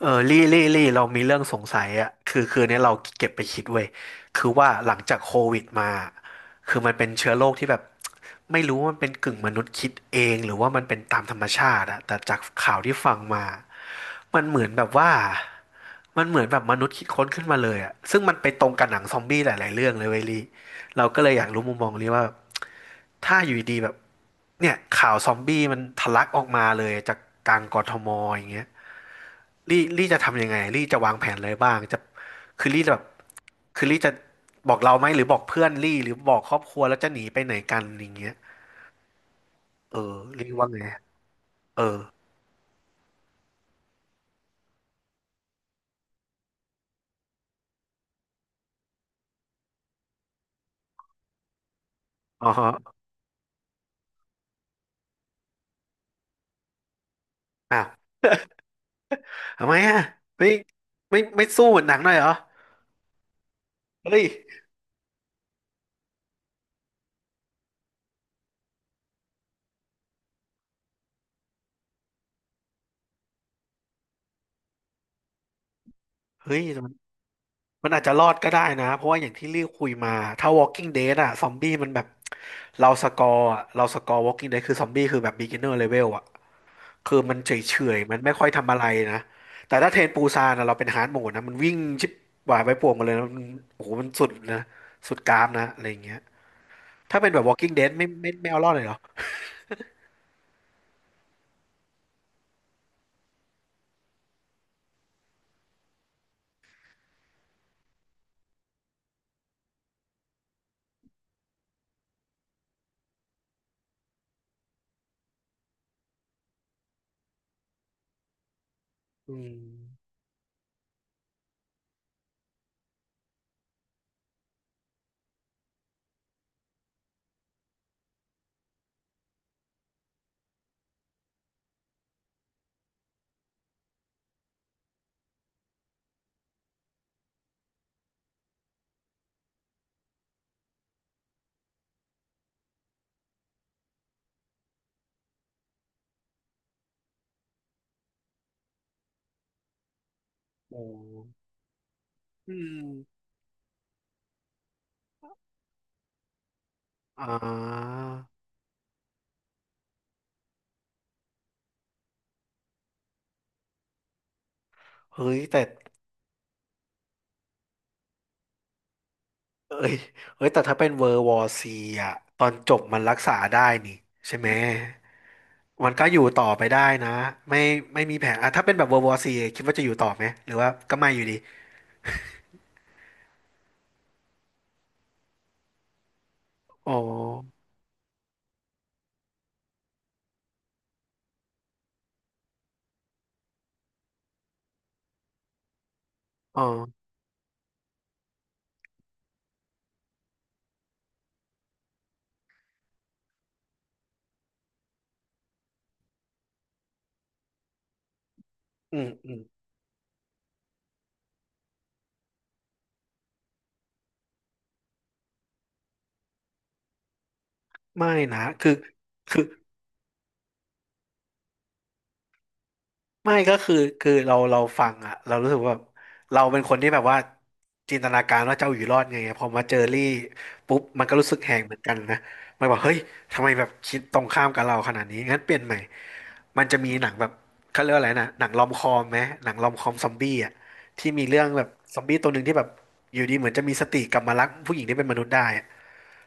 เออลี่เรามีเรื่องสงสัยอ่ะคือเนี้ยเราเก็บไปคิดเว้ยคือว่าหลังจากโควิดมาคือมันเป็นเชื้อโรคที่แบบไม่รู้ว่ามันเป็นกึ่งมนุษย์คิดเองหรือว่ามันเป็นตามธรรมชาติอะแต่จากข่าวที่ฟังมามันเหมือนแบบว่ามันเหมือนแบบมนุษย์คิดค้นขึ้นมาเลยอ่ะซึ่งมันไปตรงกับหนังซอมบี้หลายๆเรื่องเลยเว้ยลี่เราก็เลยอยากรู้มุมมองลี่ว่าถ้าอยู่ดีๆแบบเนี่ยข่าวซอมบี้มันทะลักออกมาเลยจากกลางกทมอย่างเงี้ย ลี่จะทำยังไงลี่จะวางแผนอะไรบ้างจะคือลี่จะแบบคือลี่จะบอกเราไหมหรือบอกเพื่อนลี่หรือบอกครอบครัวแล้วจะหนีไปไหนกันอย่างเงี้ยเออลี่ว่าไงเอออ๋อฮะอ้าว ทำไมอ่ะไม่ไม่สู้เหมือนหนังหน่อยเหรอเฮ้ยเฮ้ยมันอาจจะรอดก็ได้นะเพราะว่าอย่างที่ลี่คุยมาถ้า Walking Dead อะซอมบี้มันแบบเราสกอร์อะเราสกอร์ Walking Dead คือซอมบี้คือแบบ beginner level อะ คือมันเฉยเฉยมันไม่ค่อยทำอะไรนะ แต่ถ้าเทรนปูซานนะเราเป็นฮาร์ดโหมดนะมันวิ่งชิบหวายไปป่วงมาเลยนะมันโอ้โหมันสุดนะ สุดกรามนะอะไรอย่างเงี้ยถ้าเป็นแบบ Walking Dead ไม่เอารอดเลยเหรออืมโอ้อืมอ่าเฮ้ยแต่เอ้ยเฮ้ยแต่ถ้าเป็นเวอร์วอร์ซีอ่ะตอนจบมันรักษาได้นี่ใช่ไหม มันก็อยู่ต่อไปได้นะ ไม่ไม่มีแผลอ่ะถ้าเป็นแบบเวอร์วอร์ซีคิดว่าจะอยู่ต่อไหมหรือว่าก็ไม่อยู่ดีอ๋ออ๋อ อืมอืมไม่นะคือไม่ก็คือเราฟังอะเรารู้สึกว่าแบบเราเป็นคนที่แบบว่าจินตนาการว่าเจ้าอยู่รอดไงพอมาเจอรี่ปุ๊บมันก็รู้สึกแหงเหมือนกันนะมันบอกเฮ้ยทำไมแบบคิดตรงข้ามกับเราขนาดนี้งั้นเปลี่ยนใหม่มันจะมีหนังแบบเขาเรียกว่าอะไรนะหนังรอมคอมไหมหนังรอมคอมซอมบี้อะที่มีเรื่องแบบซอมบี้ตัวหนึ่งที่แบบอยู่ดีเหมือนจะมีสติกลับมารักผู้หญิงที่เป็นมนุษย์ได้อะ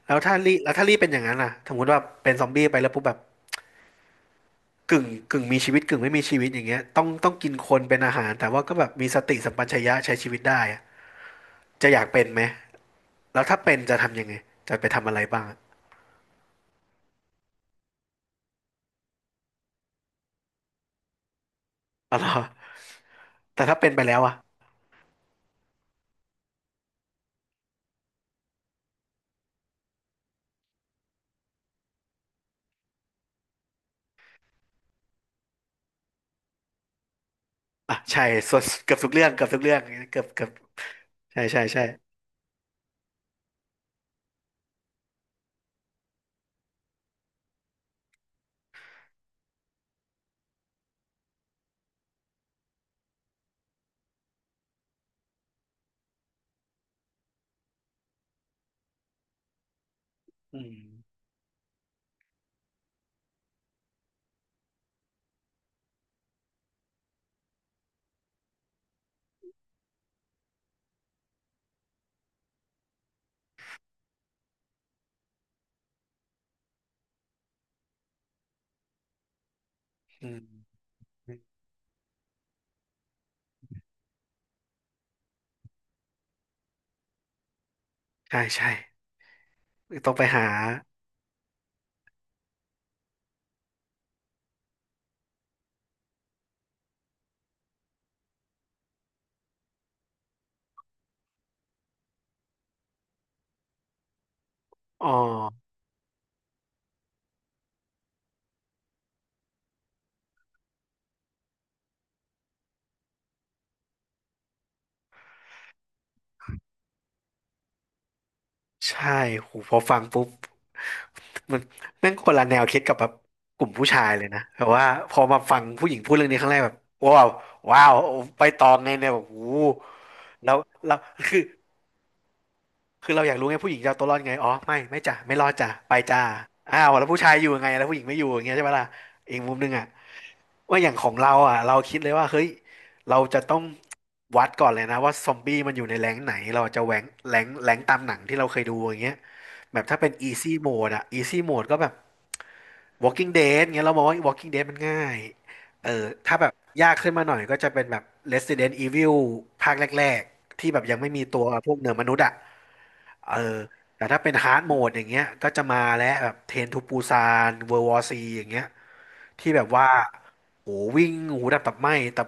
แล้วถ้ารี่เป็นอย่างนั้นล่ะสมมติว่าเป็นซอมบี้ไปแล้วปุ๊บแบบ กึ่งมีชีวิตกึ่งไม่มีชีวิตอย่างเงี้ยต้องกินคนเป็นอาหารแต่ว่าก็แบบมีสติสัมปชัญญะใช้ชีวิตได้อะจะอยากเป็นไหมแล้วถ้าเป็นจะทำยังไงจะไปทำอะไรบ้างอะอ๋อเหรอแต่ถ้าเป็นไปแล้วอะอ่ะใช่ส่วนเกือบทุกเรื่องเกือบใช่ใช่ใช่อืมอืมใช่ใช่ต้องไปหาอ๋อใช่หูพอฟังปุ๊บ มันแม่งคนละแนวคิดกับแบบกลุ่มผู้ชายเลยนะแบบว่าพอมาฟังผู้หญิงพูดเรื่องนี้ครั้งแรกแบบว้าวว้าวไปตองไงเนี่ยแบบโอ้โหแล้วเราคือเราอยากรู้ไงผู้หญิงจะเอาตัวรอดไงอ๋อไม่จ้ะไม่รอดจ้ะไปจ้าอ้าวแล้วผู้ชายอยู่ยังไงแล้วผู้หญิงไม่อยู่อย่างเงี้ยใช่ปะล่ะอีกมุมหนึงอ่ะว่าอย่างของเราอ่ะเราคิดเลยว่าเฮ้ยเราจะต้องวัดก่อนเลยนะว่าซอมบี้มันอยู่ในแรงค์ไหนเราจะแหวงแรงค์ตามหนังที่เราเคยดูอย่างเงี้ยแบบถ้าเป็น easy mode อะ easy mode ก็แบบ Walking Dead เงี้ยเรามองว่า Walking Dead มันง่ายเออถ้าแบบยากขึ้นมาหน่อยก็จะเป็นแบบ Resident Evil ภาคแรกๆที่แบบยังไม่มีตัวพวกเหนือมนุษย์อะ เออแต่ถ้าเป็นฮาร์ดโหมดอย่างเงี้ยก็จะมาแล้วแบบเทนทูปูซานเวอร์วอซีอย่างเงี้ยที่แบบว่าโหวิ่งหูดับตับไหม้แต่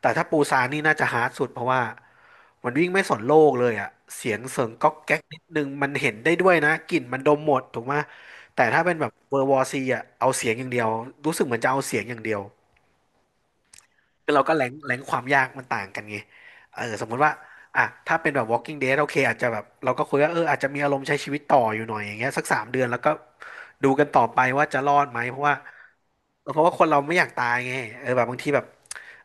แต่ถ้าปูซานนี่น่าจะฮาร์ดสุดเพราะว่ามันวิ่งไม่สนโลกเลยอ่ะเสียงเสริงก๊อกแก๊กนิดนึงมันเห็นได้ด้วยนะกลิ่นมันดมหมดถูกไหมแต่ถ้าเป็นแบบเวอร์วอซีอ่ะเอาเสียงอย่างเดียวรู้สึกเหมือนจะเอาเสียงอย่างเดียว คือเราก็แรงแรงความยากมันต่างกันไงเออสมมุติว่าอ่ะถ้าเป็นแบบ Walking Dead โอเคอาจจะแบบเราก็คุยว่าเอออาจจะมีอารมณ์ใช้ชีวิตต่ออยู่หน่อยอย่างเงี้ยสัก3 เดือนแล้วก็ดูกันต่อไปว่าจะรอดไหมเพราะว่าคนเราไม่อยากตายไงเออแบบบางทีแบบ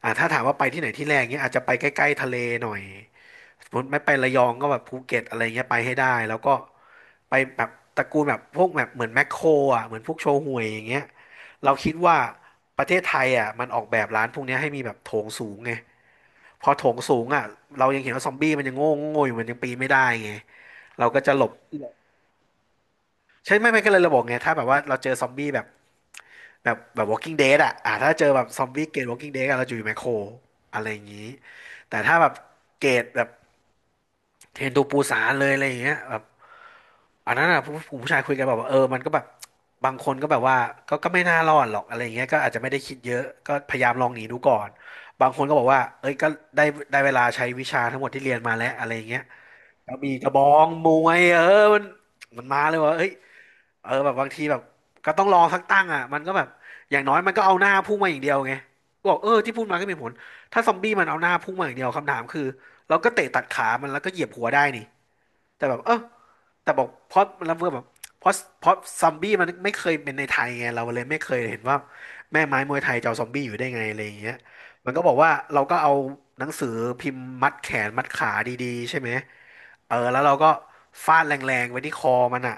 ถ้าถามว่าไปที่ไหนที่แรกเงี้ยอาจจะไปใกล้ๆทะเลหน่อยสมมติไม่ไประยองก็แบบภูเก็ตอะไรเงี้ยไปให้ได้แล้วก็ไปแบบตระกูลแบบพวกแบบเหมือนแมคโครอ่ะเหมือนพวกโชห่วยอย่างเงี้ยเราคิดว่า ประเทศไทยอ่ะมันออกแบบร้านพวกเนี้ยให้มีแบบโถงสูงไงพอโถงสูงอ่ะเรายังเห็นว่าซอมบี้มันยังโง่โง่อยู่มันยังปีนไม่ได้ไงเราก็จะหลบใช่ไม่ก็เลยเราบอกไงถ้าแบบว่าเราเจอซอมบี้แบบ Walking Dead อ่ะถ้าเจอแบบซอมบี้เกรด Walking Dead อะเราจะอยู่ไมโครอะไรอย่างนี้แต่ถ้าแบบเกรดแบบเทรนทูปูซานเลยอะไรอย่างเงี้ยแบบ อันนั้นอ่ะผู้ชายคุยกันแบบว่าเออมันก็แบบบางคนก็แบบว่าก็ไม่น่ารอดหรอกอะไรอย่างเงี้ยก็อาจจะไม่ได้คิดเยอะก็พยายามลองหนีดูก่อนบางคนก็บอกว่าเอ้ยก็ได้ได้เวลาใช้วิชาทั้งหมดที่เรียนมาแล้วอะไรอย่างเงี้ยก็มีกระบองมวยเออมันมันมาเลยว่าเอ้ยเออแบบบางทีแบบก็ต้องลองสักตั้งอ่ะมันก็แบบอย่างน้อยมันก็เอาหน้าพุ่งมาอย่างเดียวไงก็บอกเออที่พูดมาก็มีผลถ้าซอมบี้มันเอาหน้าพุ่งมาอย่างเดียวคำถามคือเราก็เตะตัดขามันแล้วก็เหยียบหัวได้นี่ แต่แบบเออแต่บอกเพราะแล้วเพื่อแบบเพราะเพราะซอมบี้มันไม่เคยเป็นในไทยไงเราเลยไม่เคยเห็นว่าแม่ไม้มวยไทยจะเอาซอมบี้อยู่ได้ไงอะไรอย่างเงี้ยมันก็บอกว่าเราก็เอาหนังสือพิมพ์มัดแขนมัดขาดีๆใช่ไหมเออแล้วเราก็ฟาดแรงๆไว้ที่คอมันอะ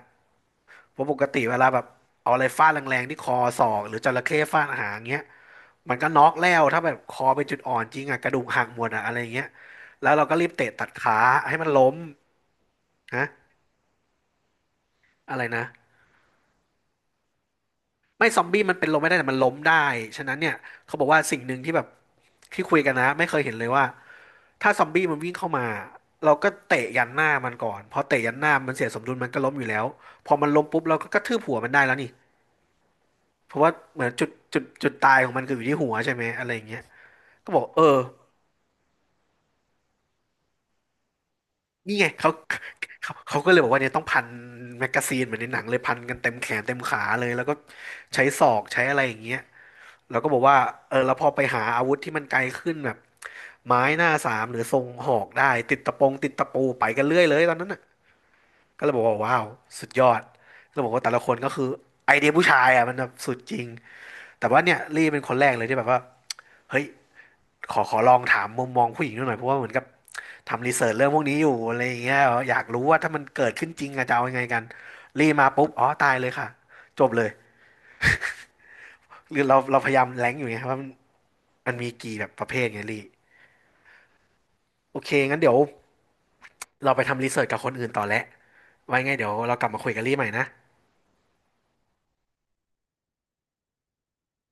เพราะปกติเวลาแบบเอาอะไรฟาดแรงๆที่คอศอกหรือจระเข้ฟาดหางเงี้ยมันก็น็อกแล้วถ้าแบบคอเป็นจุดอ่อนจริงอะกระดูกหักหมดอะอะไรอย่างเงี้ยแล้วเราก็รีบเตะตัดขาให้มันล้มนะอะไรนะ ไม่ซอมบี้มันเป็นลมไม่ได้แต่มันล้มได้ ฉะนั้นเนี่ยเขาบอกว่าสิ่งหนึ่งที่แบบที่คุยกันนะไม่เคยเห็นเลยว่าถ้าซอมบี้มันวิ่งเข้ามาเราก็เตะยันหน้ามันก่อนพอเตะยันหน้ามันเสียสมดุลมันก็ล้มอยู่แล้วพอมันล้มปุ๊บเราก็กระทืบหัวมันได้แล้วนี่เพราะว่าเหมือนจุดตายของมันคืออยู่ที่หัวใช่ไหมอะไรอย่างเงี้ยก็บอกเออนี่ไงเขาเขาก็เลยบอกว่าเนี่ยต้องพันแมกกาซีนเหมือนในหนังเลยพันกันเต็มแขนเต็มขาเลยแล้วก็ใช้ศอกใช้อะไรอย่างเงี้ยเราก็บอกว่าเออแล้วพอไปหาอาวุธที่มันไกลขึ้นแบบ ไม้หน้าสามหรือทรงหอกได้ติดตะปงติดตะปูไปกันเรื่อยเลยตอนนั้นน่ะก็เลยบอกว่าว้าวสุดยอดก็บอกว่าแต่ละคนก็คือไอเดียผู้ชายอ่ะมันแบบสุดจริงแต่ว่าเนี่ยลี่เป็นคนแรกเลยที่แบบว่าเฮ้ยขอลองถามมุมมองผู้หญิงดูหน่อยเพราะว่าเหมือนกับทำรีเสิร์ชเรื่องพวกนี้อยู่อะไรอย่างเงี้ยอยากรู้ว่าถ้ามันเกิดขึ้นจริงอะจะเอายังไงกันลี่มาปุ๊บอ๋อตายเลยค่ะจบเลยหรือเราพยายามแรงอยู่ไงครับว่ามันมันมีกี่แบบประเภทไงลี่โอเคงั้นเดี๋ยวเราไปทำรีเสิร์ชกับคนอื่นต่อแล้ว ไว้ไงเดี๋ยวเรากลับมาคุยกันรี่ใหม่นะ